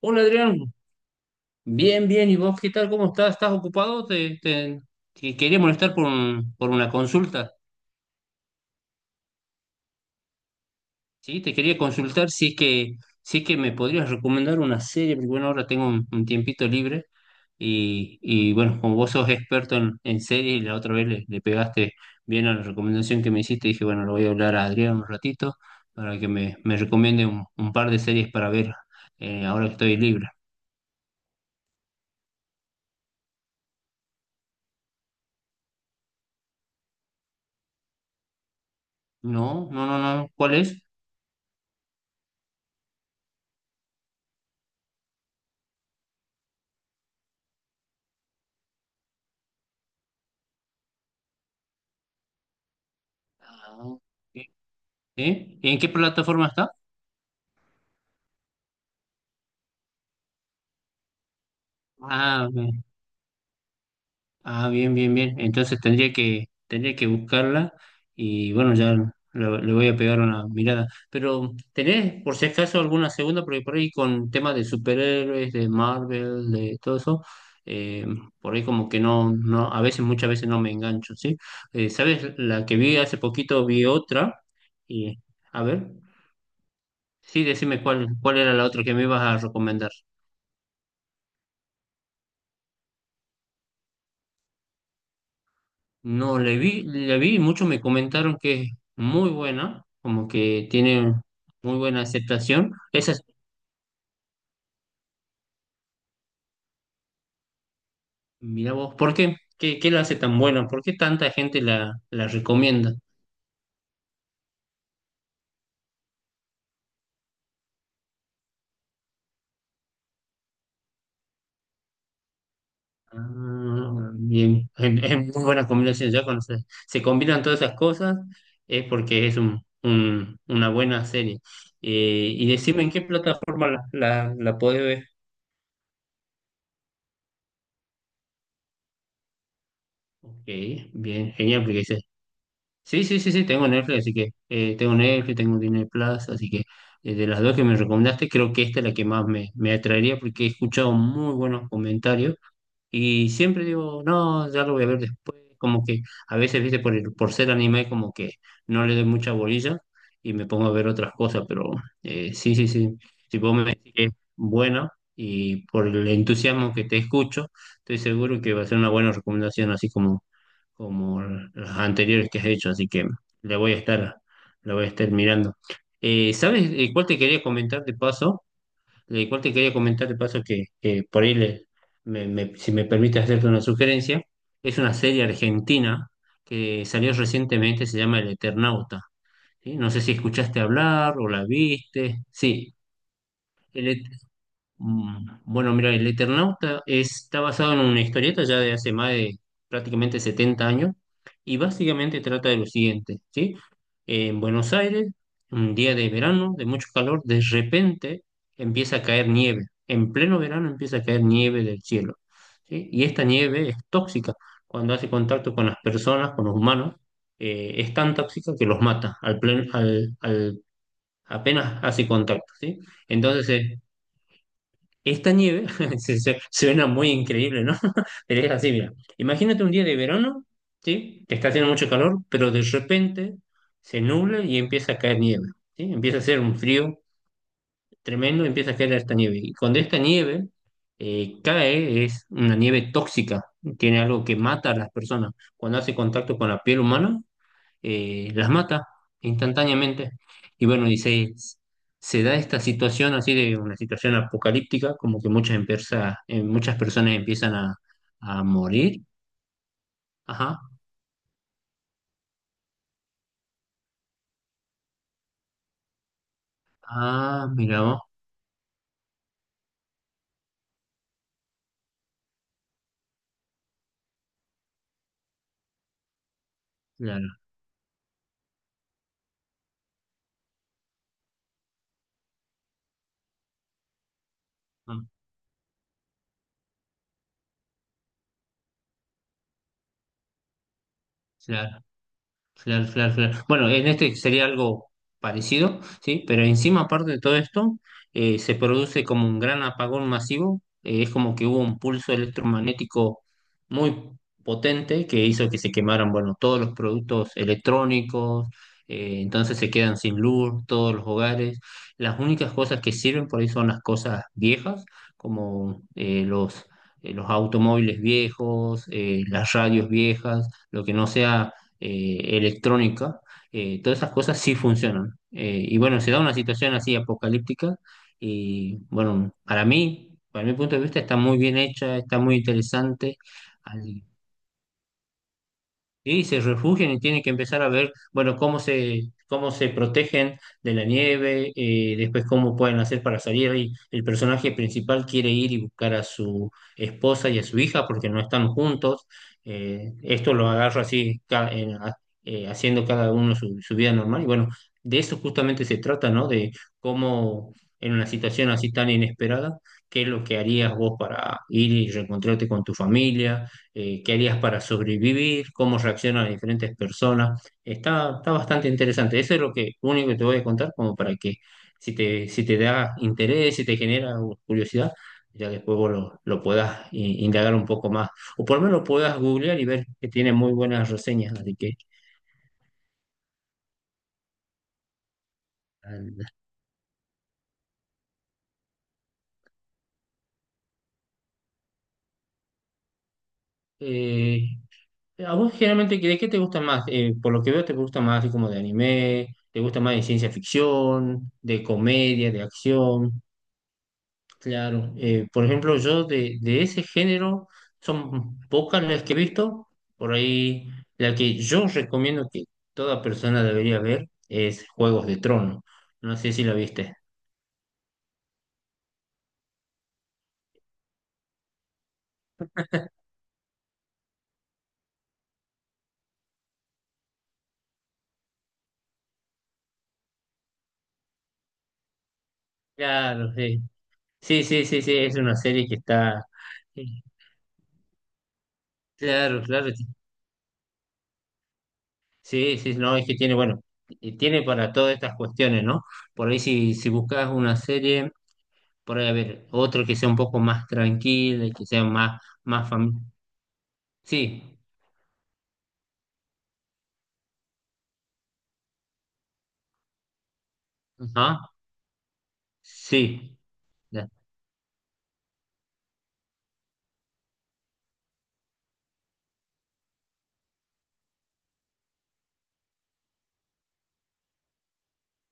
Hola Adrián, bien, ¿y vos qué tal? ¿Cómo estás? ¿Estás ocupado? Te quería molestar por una consulta, ¿sí? Te quería consultar si es que me podrías recomendar una serie, porque bueno, ahora tengo un tiempito libre bueno, como vos sos experto en series, y la otra vez le pegaste bien a la recomendación que me hiciste, dije, bueno, lo voy a hablar a Adrián un ratito para que me recomiende un par de series para ver ahora que estoy libre. No, no, no, no, ¿cuál es? Ah, ok. ¿Sí? ¿En qué plataforma está? Ah, bien, ah, bien, bien, bien. Entonces tendría que buscarla y bueno, ya le voy a pegar una mirada. Pero, ¿tenés por si acaso alguna segunda? Porque por ahí con temas de superhéroes, de Marvel, de todo eso, eh, por ahí como que no, no, a veces, muchas veces no me engancho, ¿sí? ¿Sabes? La que vi hace poquito vi otra y, a ver, sí, decime cuál, cuál era la otra que me ibas a recomendar. No, le vi, la vi y muchos me comentaron que es muy buena, como que tiene muy buena aceptación. Esa es, mira vos, ¿por qué? ¿Qué, qué la hace tan buena? ¿Por qué tanta gente la recomienda? Ah, bien, es muy buena combinación. Ya se combinan todas esas cosas es porque es una buena serie. Y decime en qué plataforma la podés ver. Ok, bien, genial, porque sí, sí, sí, sí, tengo Netflix, así que tengo Netflix, tengo Disney Plus, así que de las dos que me recomendaste, creo que esta es la que más me atraería porque he escuchado muy buenos comentarios y siempre digo, no, ya lo voy a ver después, como que a veces, viste, por ser anime, como que no le doy mucha bolilla y me pongo a ver otras cosas, pero sí, sí, sí, si vos me decís que es buena y por el entusiasmo que te escucho, estoy seguro que va a ser una buena recomendación, así como como las anteriores que has hecho, así que le voy a estar, le voy a estar mirando. ¿Sabes cuál te quería comentar de paso? ¿Cuál te quería comentar de paso que por ahí, si me permite hacerte una sugerencia? Es una serie argentina que salió recientemente, se llama El Eternauta. ¿Sí? No sé si escuchaste hablar o la viste. Sí, bueno, mira, el Eternauta está basado en una historieta ya de hace más de prácticamente 70 años y básicamente trata de lo siguiente, ¿sí? En Buenos Aires, un día de verano, de mucho calor, de repente empieza a caer nieve. En pleno verano empieza a caer nieve del cielo, ¿sí? Y esta nieve es tóxica. Cuando hace contacto con las personas, con los humanos, es tan tóxica que los mata al plen- al- al- apenas hace contacto, ¿sí? Entonces, esta nieve suena muy increíble, ¿no? Pero es así, mira. Imagínate un día de verano, ¿sí? Que está haciendo mucho calor, pero de repente se nubla y empieza a caer nieve, ¿sí? Empieza a hacer un frío tremendo, empieza a caer esta nieve. Y cuando esta nieve cae, es una nieve tóxica, tiene algo que mata a las personas. Cuando hace contacto con la piel humana, las mata instantáneamente. Y bueno, se da esta situación así de una situación apocalíptica, como que muchas, empresas, muchas personas empiezan a morir. Ajá. Ah, mira vos, claro. Ah, claro. Claro, claro, claro. Bueno, en este sería algo parecido, ¿sí? Pero encima, aparte de todo esto, se produce como un gran apagón masivo. Es como que hubo un pulso electromagnético muy potente que hizo que se quemaran, bueno, todos los productos electrónicos. Entonces se quedan sin luz todos los hogares. Las únicas cosas que sirven por ahí son las cosas viejas, como eh, los, los automóviles viejos, las radios viejas, lo que no sea electrónica, todas esas cosas sí funcionan. Y bueno, se da una situación así apocalíptica y bueno, para mí, para mi punto de vista, está muy bien hecha, está muy interesante. Sí, se refugian y tienen que empezar a ver, bueno, cómo se protegen de la nieve, después cómo pueden hacer para salir. Y el personaje principal quiere ir y buscar a su esposa y a su hija porque no están juntos. Esto lo agarra así, haciendo cada uno su vida normal. Y bueno, de eso justamente se trata, ¿no? De cómo en una situación así tan inesperada, ¿qué es lo que harías vos para ir y reencontrarte con tu familia? ¿Qué harías para sobrevivir, cómo reaccionan las diferentes personas? Está, está bastante interesante. Eso es lo que, lo único que te voy a contar, como para que si te, si te da interés, si te genera curiosidad, ya después vos lo puedas i- indagar un poco más. O por lo menos lo puedas googlear y ver que tiene muy buenas reseñas. Así que, anda. Eh, ¿A vos generalmente de qué te gusta más? Por lo que veo, te gusta más así como de anime, te gusta más de ciencia ficción, de comedia, de acción. Claro, por ejemplo, yo de ese género son pocas las que he visto. Por ahí, la que yo recomiendo que toda persona debería ver es Juegos de Trono. No sé si la viste. Claro, sí. Sí, sí, sí, sí, es una serie que está. Sí, claro, claro. Sí, sí, no, es que tiene, bueno, y tiene para todas estas cuestiones, ¿no? Por ahí, si, si buscas una serie, por ahí, a ver, otro que sea un poco más tranquila, y que sea más, más familiar. Sí, ajá, sí, ya,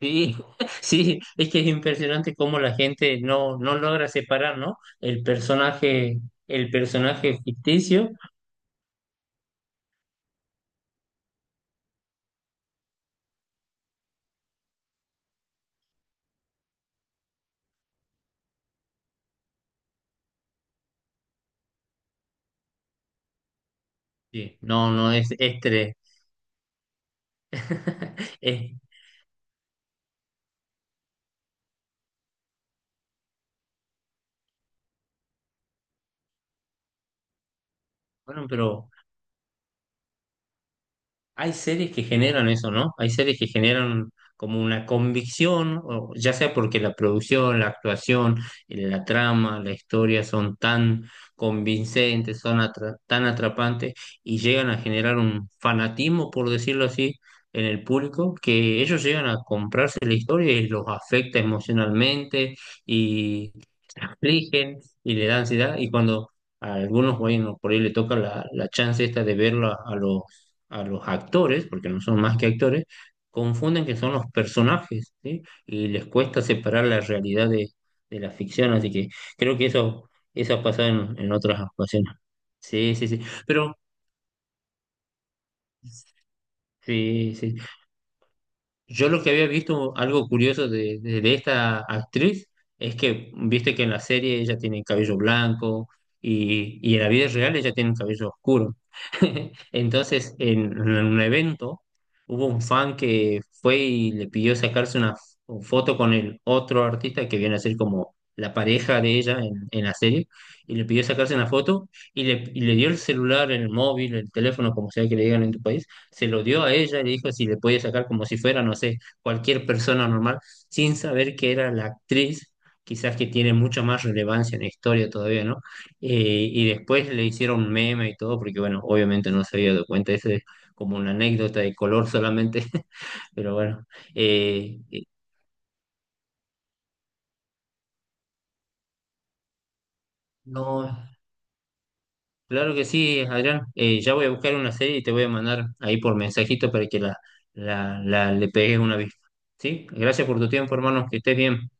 sí, sí, es que es impresionante cómo la gente no, no logra separar, ¿no? El personaje ficticio, sí, no, no, es tres. Es- bueno, pero hay series que generan eso, ¿no? Hay series que generan como una convicción, o ya sea porque la producción, la actuación, la trama, la historia son tan convincentes, tan atrapantes y llegan a generar un fanatismo, por decirlo así, en el público, que ellos llegan a comprarse la historia y los afecta emocionalmente y se afligen y le da ansiedad. Y cuando a algunos, bueno, por ahí le toca la chance esta de verla a los actores, porque no son más que actores, confunden que son los personajes, ¿sí? Y les cuesta separar la realidad de la ficción, así que creo que eso ha pasado en otras ocasiones. Sí, sí, sí. Pero, sí, sí. Yo lo que había visto, algo curioso de esta actriz, es que, viste que en la serie ella tiene cabello blanco y en la vida real ella tiene un cabello oscuro. Entonces, en un evento, hubo un fan que fue y le pidió sacarse una f- foto con el otro artista que viene a ser como la pareja de ella en la serie, y le pidió sacarse una foto y le dio el celular, el móvil, el teléfono, como sea que le digan en tu país se lo dio a ella y le dijo si le podía sacar como si fuera, no sé, cualquier persona normal, sin saber que era la actriz, quizás que tiene mucha más relevancia en la historia todavía, ¿no? Y después le hicieron meme y todo, porque bueno, obviamente no se había dado cuenta, eso es como una anécdota de color solamente, pero bueno, eh, eh, no. Claro que sí, Adrián. Ya voy a buscar una serie y te voy a mandar ahí por mensajito para que la le pegues una vista. ¿Sí? Gracias por tu tiempo, hermano. Que estés bien.